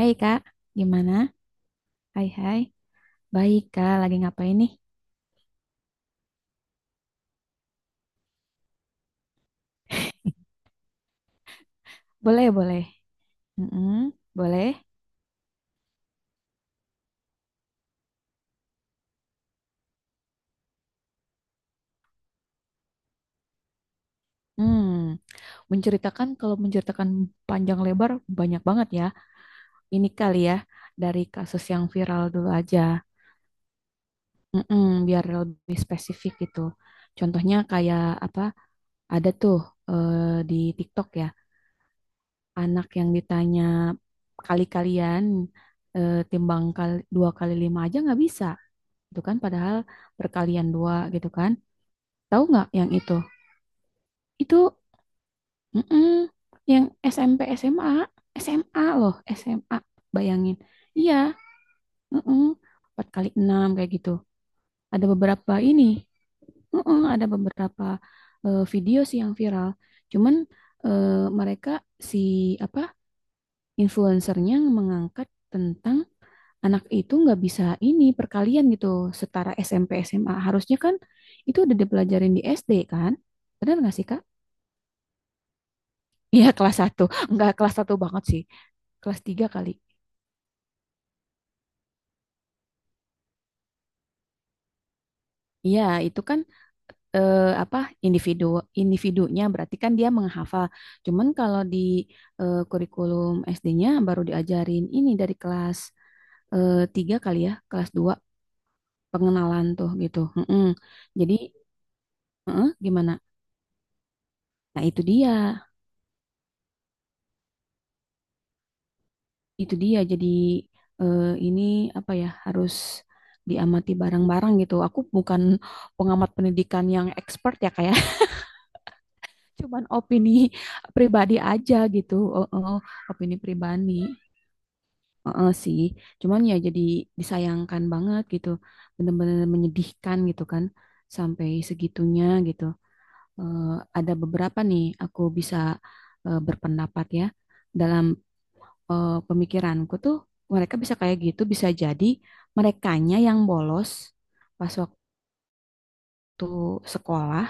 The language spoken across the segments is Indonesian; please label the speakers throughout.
Speaker 1: Hai Kak, gimana? Hai hai, baik Kak, lagi ngapain nih? Boleh, boleh. Mm-mm, boleh. Hmm, menceritakan panjang lebar banyak banget ya. Ini kali ya, dari kasus yang viral dulu aja. Mm-mm, biar lebih spesifik gitu. Contohnya kayak apa? Ada tuh, eh, di TikTok ya, anak yang ditanya kali-kalian timbang kali, dua kali lima aja nggak bisa, gitu kan. Padahal berkalian dua gitu kan. Tahu nggak yang itu? Itu mm-mm, yang SMP, SMA, SMA loh, SMA, bayangin. Iya, mm-mm, empat kali enam kayak gitu. Ada beberapa ini, mm-mm, ada beberapa, video sih yang viral. Cuman, eh, mereka, si apa, influencernya mengangkat tentang anak itu nggak bisa ini, perkalian gitu, setara SMP SMA harusnya kan. Itu udah dipelajarin di SD kan, benar nggak sih Kak? Iya kelas satu, nggak kelas satu banget sih, kelas tiga kali. Iya itu kan, apa, individu individunya, berarti kan dia menghafal. Cuman kalau di, kurikulum SD-nya baru diajarin ini dari kelas, 3 kali ya, kelas dua, pengenalan tuh gitu. Mm-mm. Jadi, gimana. Nah, itu dia. Itu dia, jadi, ini apa ya, harus diamati bareng-bareng gitu. Aku bukan pengamat pendidikan yang expert ya, kayak cuman opini pribadi aja gitu. Oh, oh, opini pribadi. Oh, oh, sih. Cuman ya, jadi disayangkan banget gitu. Bener-bener menyedihkan gitu kan, sampai segitunya gitu. Eh, ada beberapa nih aku bisa, berpendapat ya. Dalam, pemikiranku tuh, mereka bisa kayak gitu bisa jadi merekanya yang bolos pas waktu sekolah,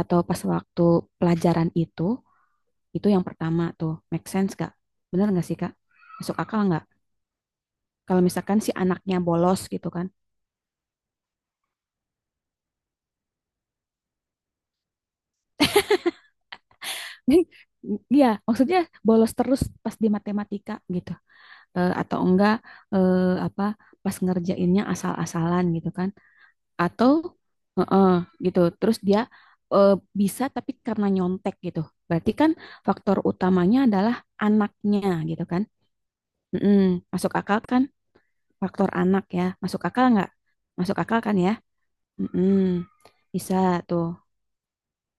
Speaker 1: atau pas waktu pelajaran itu. Itu yang pertama tuh, make sense gak? Bener gak sih Kak? Masuk akal nggak? Kalau misalkan si anaknya bolos gitu kan. Iya, maksudnya bolos terus pas di matematika gitu. Atau enggak, eh, apa, pas ngerjainnya asal-asalan gitu kan. Atau heeh, gitu. Terus dia, eh, bisa tapi karena nyontek gitu. Berarti kan faktor utamanya adalah anaknya gitu kan. Mm-mm. Masuk akal kan, faktor anak ya. Masuk akal nggak? Masuk akal kan ya? Mm-mm. Bisa tuh.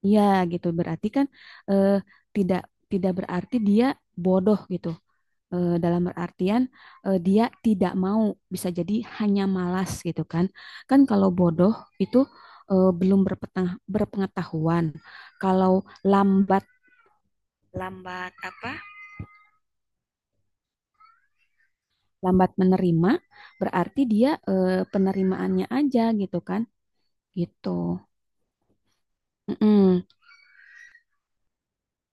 Speaker 1: Iya gitu, berarti kan, eh, tidak tidak berarti dia bodoh gitu. Dalam artian, dia tidak mau, bisa jadi hanya malas gitu kan. Kan kalau bodoh itu, belum berpengetahuan. Kalau lambat, lambat apa lambat menerima, berarti dia, eh, penerimaannya aja gitu kan, gitu. Mm-mm.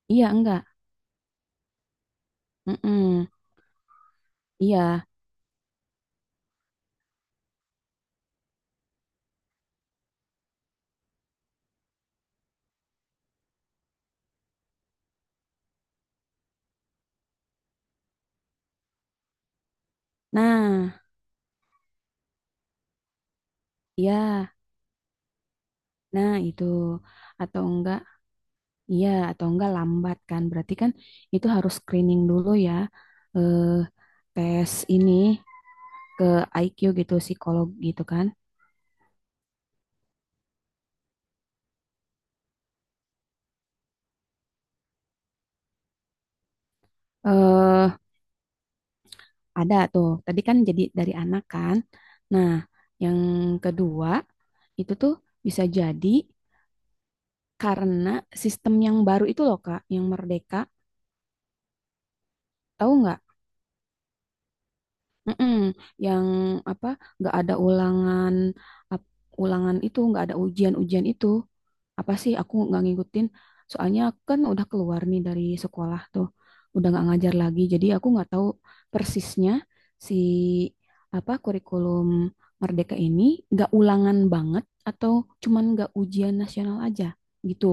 Speaker 1: Iya enggak. Mm-mm. Iya, nah, iya. Nah, itu atau enggak, iya, atau enggak lambat kan? Berarti kan itu harus screening dulu ya, eh, tes ini ke IQ gitu, psikolog gitu kan? Eh, ada tuh. Tadi kan jadi dari anak kan. Nah, yang kedua itu tuh bisa jadi karena sistem yang baru itu loh, Kak, yang merdeka. Tahu nggak? Mm-mm. Yang apa, nggak ada ulangan, ap- ulangan itu, nggak ada ujian-ujian itu apa sih, aku nggak ngikutin. Soalnya aku kan udah keluar nih dari sekolah tuh, udah nggak ngajar lagi, jadi aku nggak tahu persisnya si apa, kurikulum Merdeka ini, nggak ulangan banget, atau cuman nggak ujian nasional aja gitu.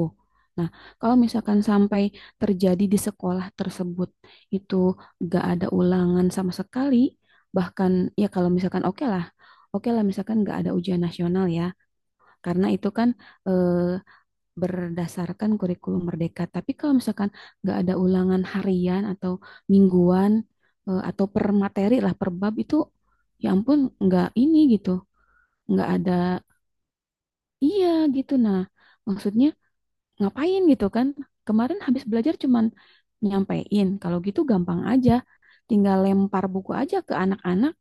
Speaker 1: Nah, kalau misalkan sampai terjadi di sekolah tersebut itu nggak ada ulangan sama sekali, bahkan ya kalau misalkan oke lah, oke lah misalkan nggak ada ujian nasional ya, karena itu kan, eh, berdasarkan kurikulum merdeka. Tapi kalau misalkan nggak ada ulangan harian atau mingguan, atau per materi lah, per bab itu, ya ampun, nggak ini gitu. Nggak ada, iya gitu. Nah, maksudnya ngapain gitu kan, kemarin habis belajar cuman nyampein kalau gitu gampang aja, tinggal lempar buku aja ke anak-anak,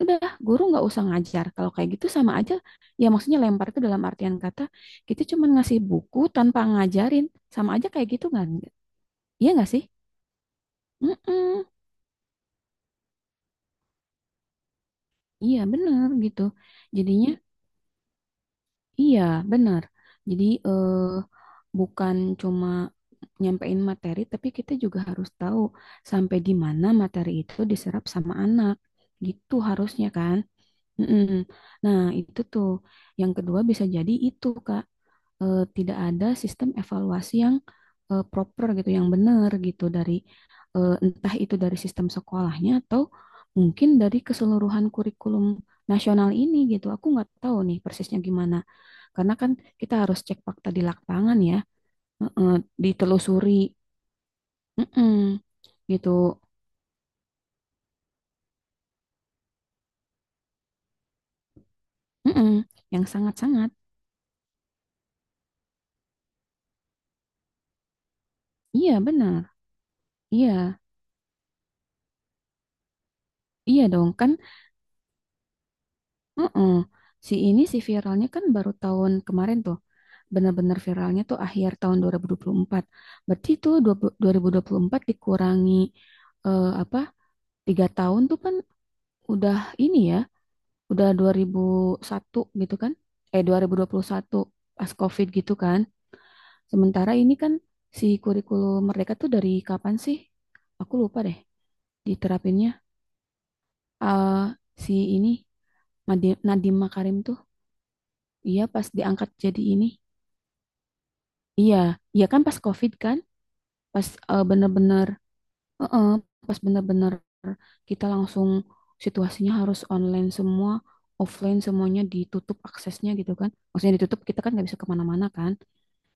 Speaker 1: udah, guru nggak usah ngajar kalau kayak gitu, sama aja ya. Maksudnya lempar itu dalam artian kata, kita cuma ngasih buku tanpa ngajarin, sama aja kayak gitu kan, iya nggak sih? Mm-mm. Iya bener gitu, jadinya, iya bener. Jadi, bukan cuma nyampein materi, tapi kita juga harus tahu sampai di mana materi itu diserap sama anak, gitu harusnya kan. Mm-mm. Nah, itu tuh yang kedua bisa jadi itu, Kak. Tidak ada sistem evaluasi yang, proper gitu, yang benar gitu, dari, entah itu dari sistem sekolahnya, atau mungkin dari keseluruhan kurikulum nasional ini gitu. Aku nggak tahu nih persisnya gimana. Karena kan kita harus cek fakta di lapangan ya, heeh, ditelusuri. Mm-mm. Gitu. Mm-mm. Yang sangat-sangat, iya benar, iya, iya dong kan. Heeh. Si ini, si viralnya kan baru tahun kemarin tuh. Benar-benar viralnya tuh akhir tahun 2024. Berarti tuh 2024 dikurangi, apa? 3 tahun tuh kan, udah ini ya, udah 2001 gitu kan? Eh 2021, pas COVID gitu kan. Sementara ini kan si kurikulum Merdeka tuh dari kapan sih? Aku lupa deh diterapinnya. Eh si ini, Nadiem Makarim tuh, iya pas diangkat jadi ini. Iya, iya kan pas COVID kan, pas, bener-bener, eh, pas bener-bener kita langsung, situasinya harus online semua, offline semuanya ditutup aksesnya gitu kan. Maksudnya ditutup, kita kan nggak bisa kemana-mana kan.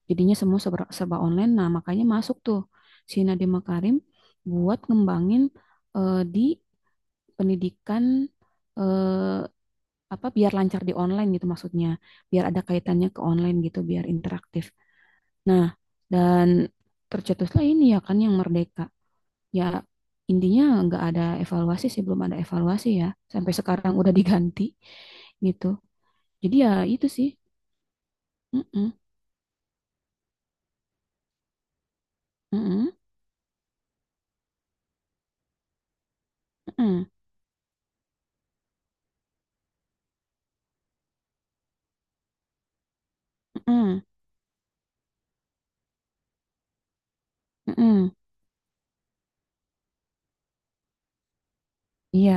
Speaker 1: Jadinya semua serba, serba online. Nah makanya masuk tuh si Nadiem Makarim buat ngembangin, di pendidikan, eh, apa, biar lancar di online gitu maksudnya, biar ada kaitannya ke online gitu, biar interaktif. Nah, dan tercetuslah ini ya kan, yang merdeka. Ya, intinya nggak ada evaluasi sih, belum ada evaluasi ya. Sampai sekarang udah diganti gitu. Jadi ya itu sih. Mm-mm, mm-mm, mm-mm, mm-mm, mm-mm. Iya,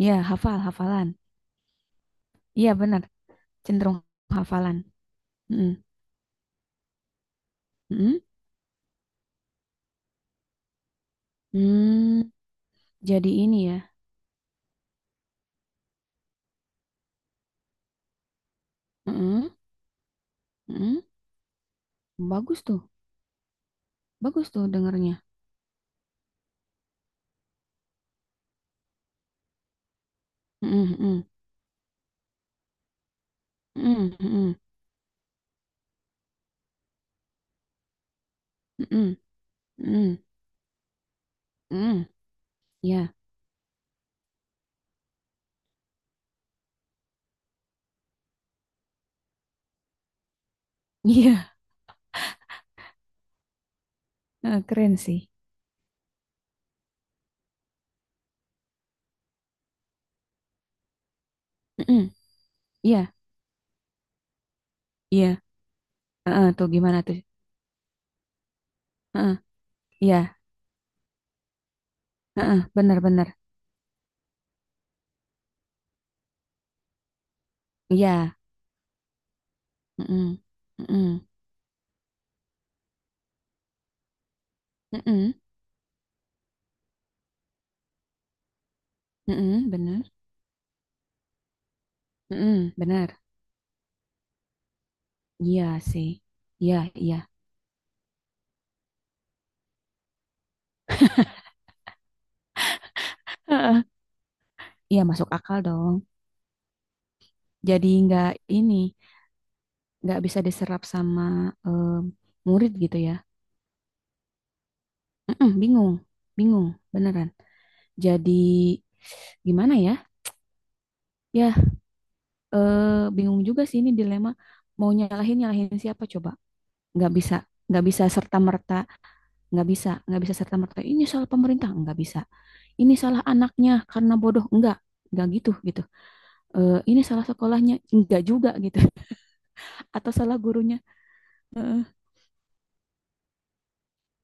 Speaker 1: iya hafal, hafalan. Iya benar, cenderung hafalan. Mm-mm, mm-mm. Hmm, jadi ini ya. Mm-mm, mm-mm. Bagus tuh, bagus tuh dengernya. Mm-mm, mm-mm, mm-mm, mm-mm, mm-mm, mm-mm, mm-mm. Ya. Iya, heeh, keren sih. Mm-mm, iya, iya. Heeh, tuh gimana tuh? Heeh, iya, heeh, benar-benar. Iya. Mm-mm, mm-mm, mm-mm, mm-mm, benar, benar iya, mm mm mm mm benar, mm, benar. Iya sih. Iya, iya. Heeh, iya, masuk akal dong. Jadi nggak ini, nggak bisa diserap sama, eh, murid gitu ya. Mm-mm, bingung, bingung, beneran. Jadi gimana ya? Ya, eh, bingung juga sih, ini dilema. Mau nyalahin, nyalahin siapa coba? nggak bisa nggak bisa serta merta, nggak bisa serta merta ini salah pemerintah, nggak bisa ini salah anaknya karena bodoh, nggak gitu gitu. Ini salah sekolahnya nggak juga gitu. Atau salah gurunya. Heeh,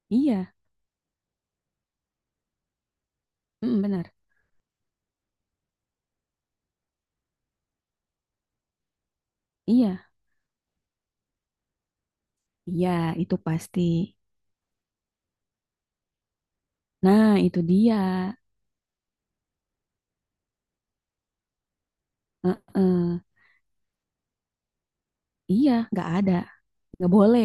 Speaker 1: iya, mm, benar, iya, iya itu pasti, nah itu dia. Heeh, iya nggak ada, nggak boleh,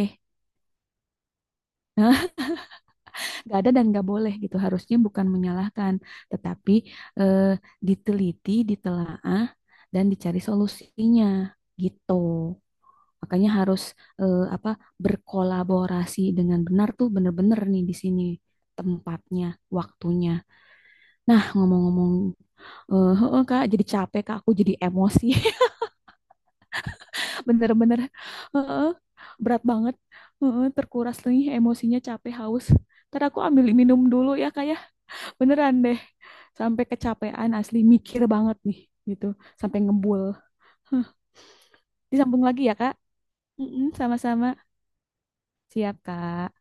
Speaker 1: nggak ada dan nggak boleh gitu. Harusnya bukan menyalahkan, tetapi, eh, diteliti, ditelaah dan dicari solusinya gitu. Makanya harus, apa, berkolaborasi dengan benar tuh, bener-bener nih di sini tempatnya, waktunya. Nah, ngomong-ngomong, heeh, Kak, jadi capek, Kak. Aku jadi emosi. Bener-bener heeh, berat banget. Heeh, terkuras nih emosinya, capek, haus. Ntar aku ambil minum dulu ya, Kak, ya. Beneran deh. Sampai kecapean asli, mikir banget nih gitu. Sampai ngebul. Huh. Disambung lagi ya, Kak. Mm-mm, sama-sama. Siap, Kak.